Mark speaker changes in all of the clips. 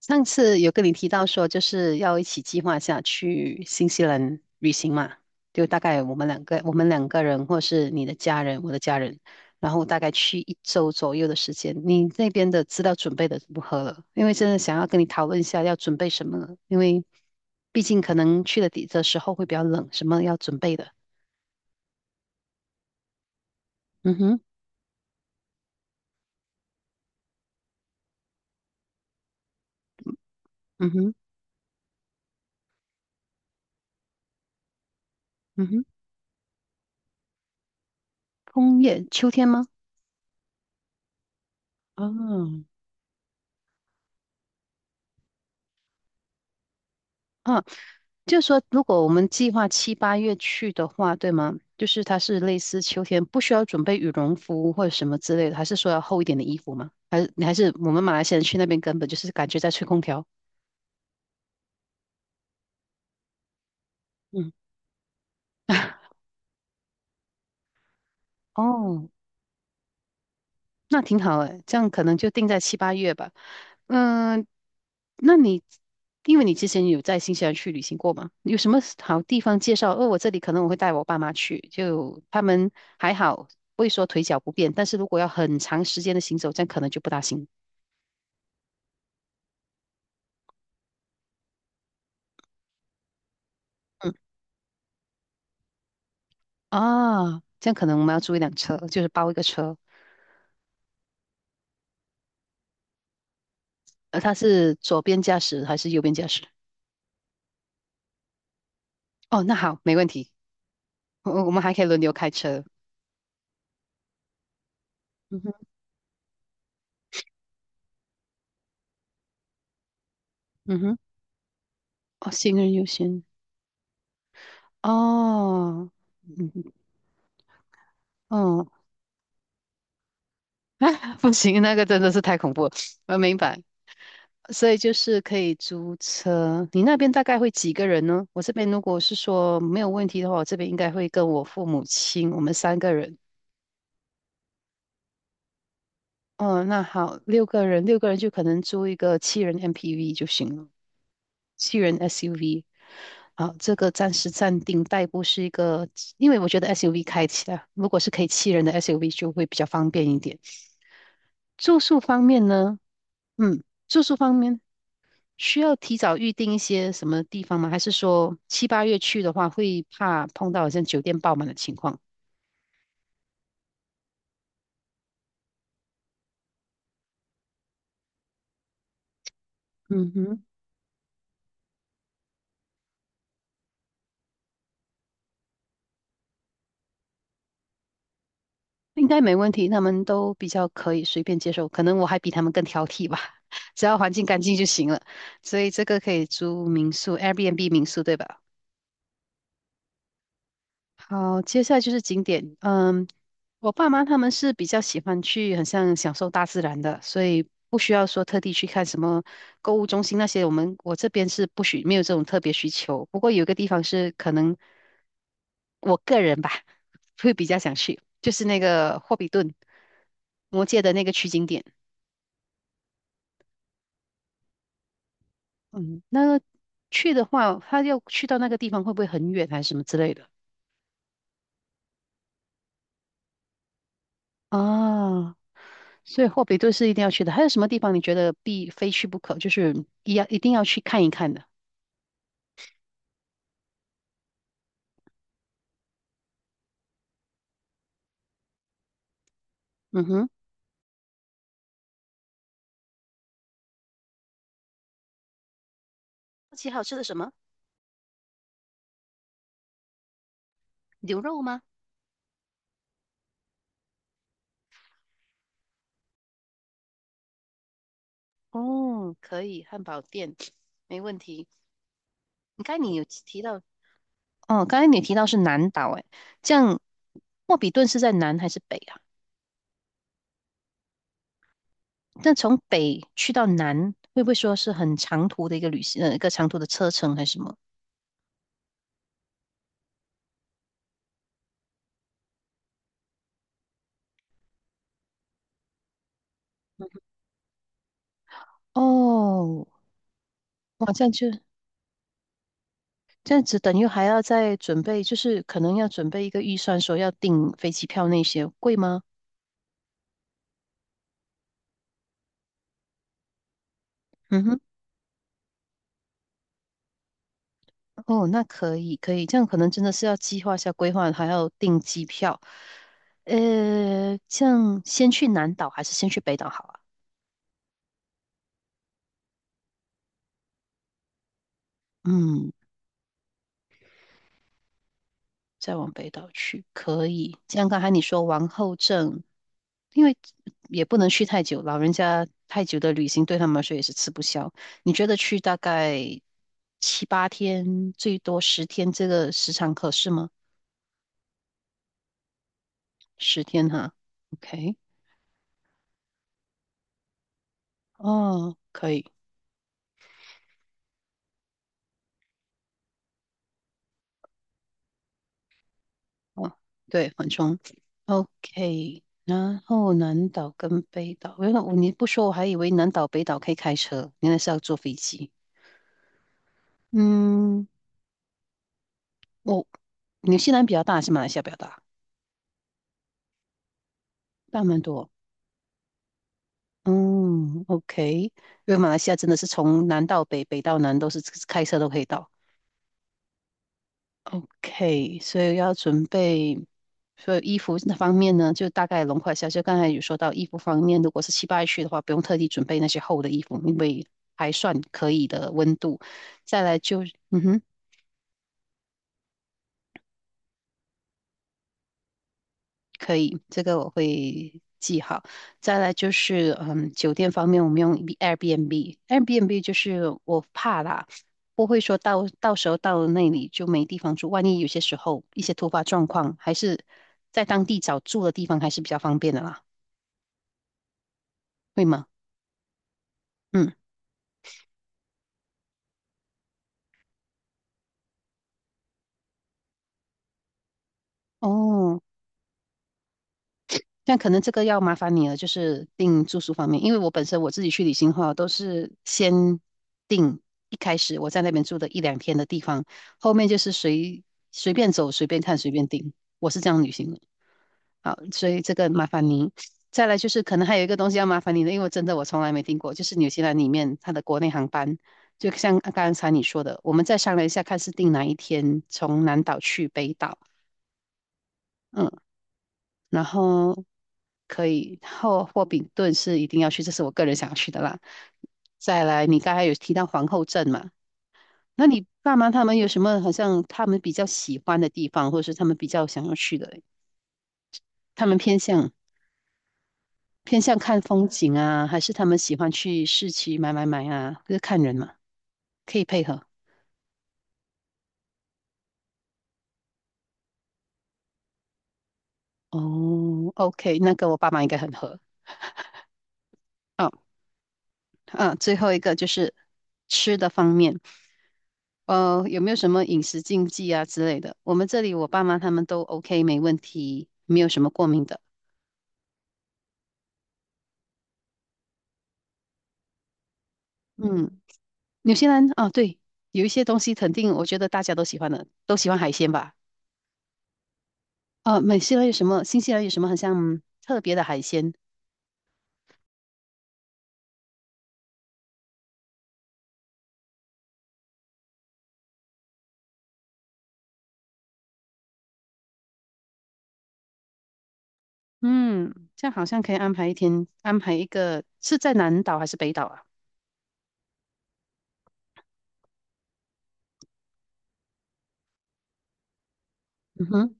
Speaker 1: 上次有跟你提到说，就是要一起计划一下去新西兰旅行嘛，就大概我们两个，我们两个人，或是你的家人，我的家人，然后大概去一周左右的时间。你那边的资料准备的如何了？因为真的想要跟你讨论一下要准备什么了，因为毕竟可能去的底的时候会比较冷，什么要准备的。嗯哼。嗯哼。嗯哼。枫叶，秋天吗？哦。啊就是说，如果我们计划七八月去的话，对吗？就是它是类似秋天，不需要准备羽绒服或者什么之类的，还是说要厚一点的衣服吗？还是你还是我们马来西亚人去那边根本就是感觉在吹空调？嗯。哦，那挺好诶，这样可能就定在七八月吧。嗯，那你因为你之前有在新西兰去旅行过吗？有什么好地方介绍？哦，我这里可能我会带我爸妈去，就他们还好，不会说腿脚不便，但是如果要很长时间的行走，这样可能就不大行。嗯。啊，这样可能我们要租一辆车，就是包一个车，他是左边驾驶还是右边驾驶？哦，那好，没问题，我们还可以轮流开车。嗯哼。嗯哼。哦，行人优先。哦。嗯嗯。不行，那个真的是太恐怖了，我明白。所以就是可以租车，你那边大概会几个人呢？我这边如果是说没有问题的话，我这边应该会跟我父母亲，我们三个人。哦，那好，六个人，六个人就可能租一个七人 MPV 就行了，七人 SUV。好，这个暂时暂定代步是一个，因为我觉得 SUV 开起来，如果是可以七人的 SUV 就会比较方便一点。住宿方面呢？嗯，住宿方面需要提早预定一些什么地方吗？还是说七八月去的话，会怕碰到好像酒店爆满的情况？嗯哼。应该没问题，他们都比较可以随便接受，可能我还比他们更挑剔吧，只要环境干净就行了。所以这个可以租民宿，Airbnb 民宿，对吧？好，接下来就是景点。嗯，我爸妈他们是比较喜欢去，很像享受大自然的，所以不需要说特地去看什么购物中心那些。我们我这边是不许，没有这种特别需求。不过有一个地方是可能我个人吧，会比较想去，就是那个霍比顿魔界的那个取景点。嗯，那去的话，他要去到那个地方会不会很远还是什么之类的？啊？所以霍比顿是一定要去的。还有什么地方你觉得必非去不可，就是一要一定要去看一看的？嗯哼。好奇好吃的什么？牛肉吗？哦，可以，汉堡店没问题。你看你有提到，哦，刚才你提到是南岛，哎，这样霍比顿是在南还是北啊？那从北去到南，会不会说是很长途的一个旅行，一个长途的车程还是什么？哦。哇，这样就。这样子等于还要再准备，就是可能要准备一个预算，说要订飞机票那些，贵吗？嗯哼。哦，那可以可以，这样可能真的是要计划一下规划，还要订机票。这样先去南岛还是先去北岛好啊？嗯，再往北岛去可以。像刚才你说王后镇，因为也不能去太久，老人家太久的旅行对他们来说也是吃不消。你觉得去大概七八天，最多十天，这个时长合适吗？十天哈，OK，哦，可以，哦，对，缓冲，OK。然后南岛跟北岛，原来我你不说，我还以为南岛北岛可以开车，原来是要坐飞机。嗯。我、纽西兰比较大，还是马来西亚比较大？大蛮多。嗯，OK，因为马来西亚真的是从南到北，北到南都是开车都可以到。OK，所以要准备，所以衣服那方面呢，就大概笼括一下。就刚才有说到衣服方面，如果是七八月去的话，不用特地准备那些厚的衣服，因为还算可以的温度。再来就，嗯哼。可以，这个我会记好。再来就是，嗯，酒店方面，我们用 Airbnb，Airbnb 就是我怕啦，不会说到时候到了那里就没地方住，万一有些时候一些突发状况，还是在当地找住的地方还是比较方便的啦，会吗？嗯。哦，但可能这个要麻烦你了，就是订住宿方面，因为我本身我自己去旅行的话，都是先订一开始我在那边住的一两天的地方，后面就是随便走、随便看、随便订，我是这样旅行的。好，所以这个麻烦您。再来就是可能还有一个东西要麻烦你的，因为真的我从来没订过，就是纽西兰里面它的国内航班，就像刚才你说的，我们再商量一下看是订哪一天从南岛去北岛。嗯，然后可以后霍比顿是一定要去，这是我个人想要去的啦。再来，你刚才有提到皇后镇嘛？那你爸妈他们有什么好像他们比较喜欢的地方，或者是他们比较想要去的？他们偏向看风景啊，还是他们喜欢去市区买买买啊？就是看人嘛，可以配合。哦，OK，那跟我爸妈应该很合。哦，啊，最后一个就是吃的方面。有没有什么饮食禁忌啊之类的？我们这里我爸妈他们都 OK，没问题，没有什么过敏的。嗯，纽西兰啊，对，有一些东西肯定我觉得大家都喜欢的，都喜欢海鲜吧？啊，美西兰有什么？新西兰有什么很像特别的海鲜？嗯，这样好像可以安排一天，安排一个是在南岛还是北岛啊？嗯哼。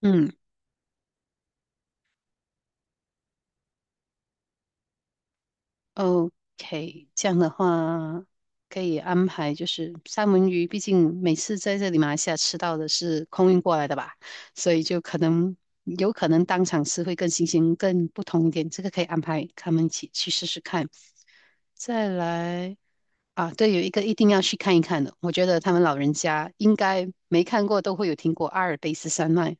Speaker 1: 嗯，OK，这样的话可以安排，就是三文鱼，毕竟每次在这里马来西亚吃到的是空运过来的吧，所以就可能有可能当场吃会更新鲜、更不同一点，这个可以安排他们一起去试试看。再来啊，对，有一个一定要去看一看的，我觉得他们老人家应该没看过都会有听过阿尔卑斯山脉，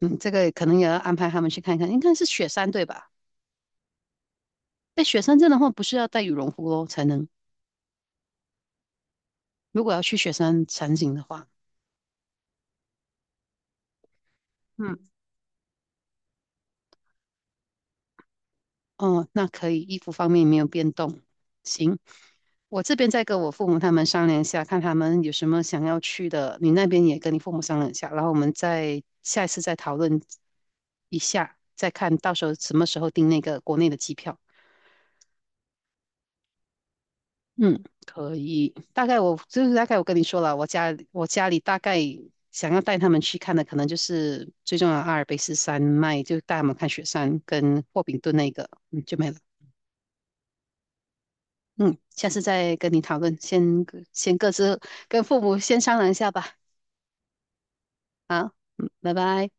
Speaker 1: 嗯，这个可能也要安排他们去看一看，应该是雪山对吧？哎，雪山镇的话不是要带羽绒服哦才能。如果要去雪山场景的话，嗯，哦，那可以，衣服方面没有变动。行，我这边再跟我父母他们商量一下，看他们有什么想要去的。你那边也跟你父母商量一下，然后我们再下一次再讨论一下，再看到时候什么时候订那个国内的机票。嗯，可以。大概我就是大概我跟你说了，我家里大概想要带他们去看的，可能就是最重要的阿尔卑斯山脉，就带他们看雪山跟霍比顿那个，嗯，就没了。嗯，下次再跟你讨论，先各自跟父母先商量一下吧。好，嗯，拜拜。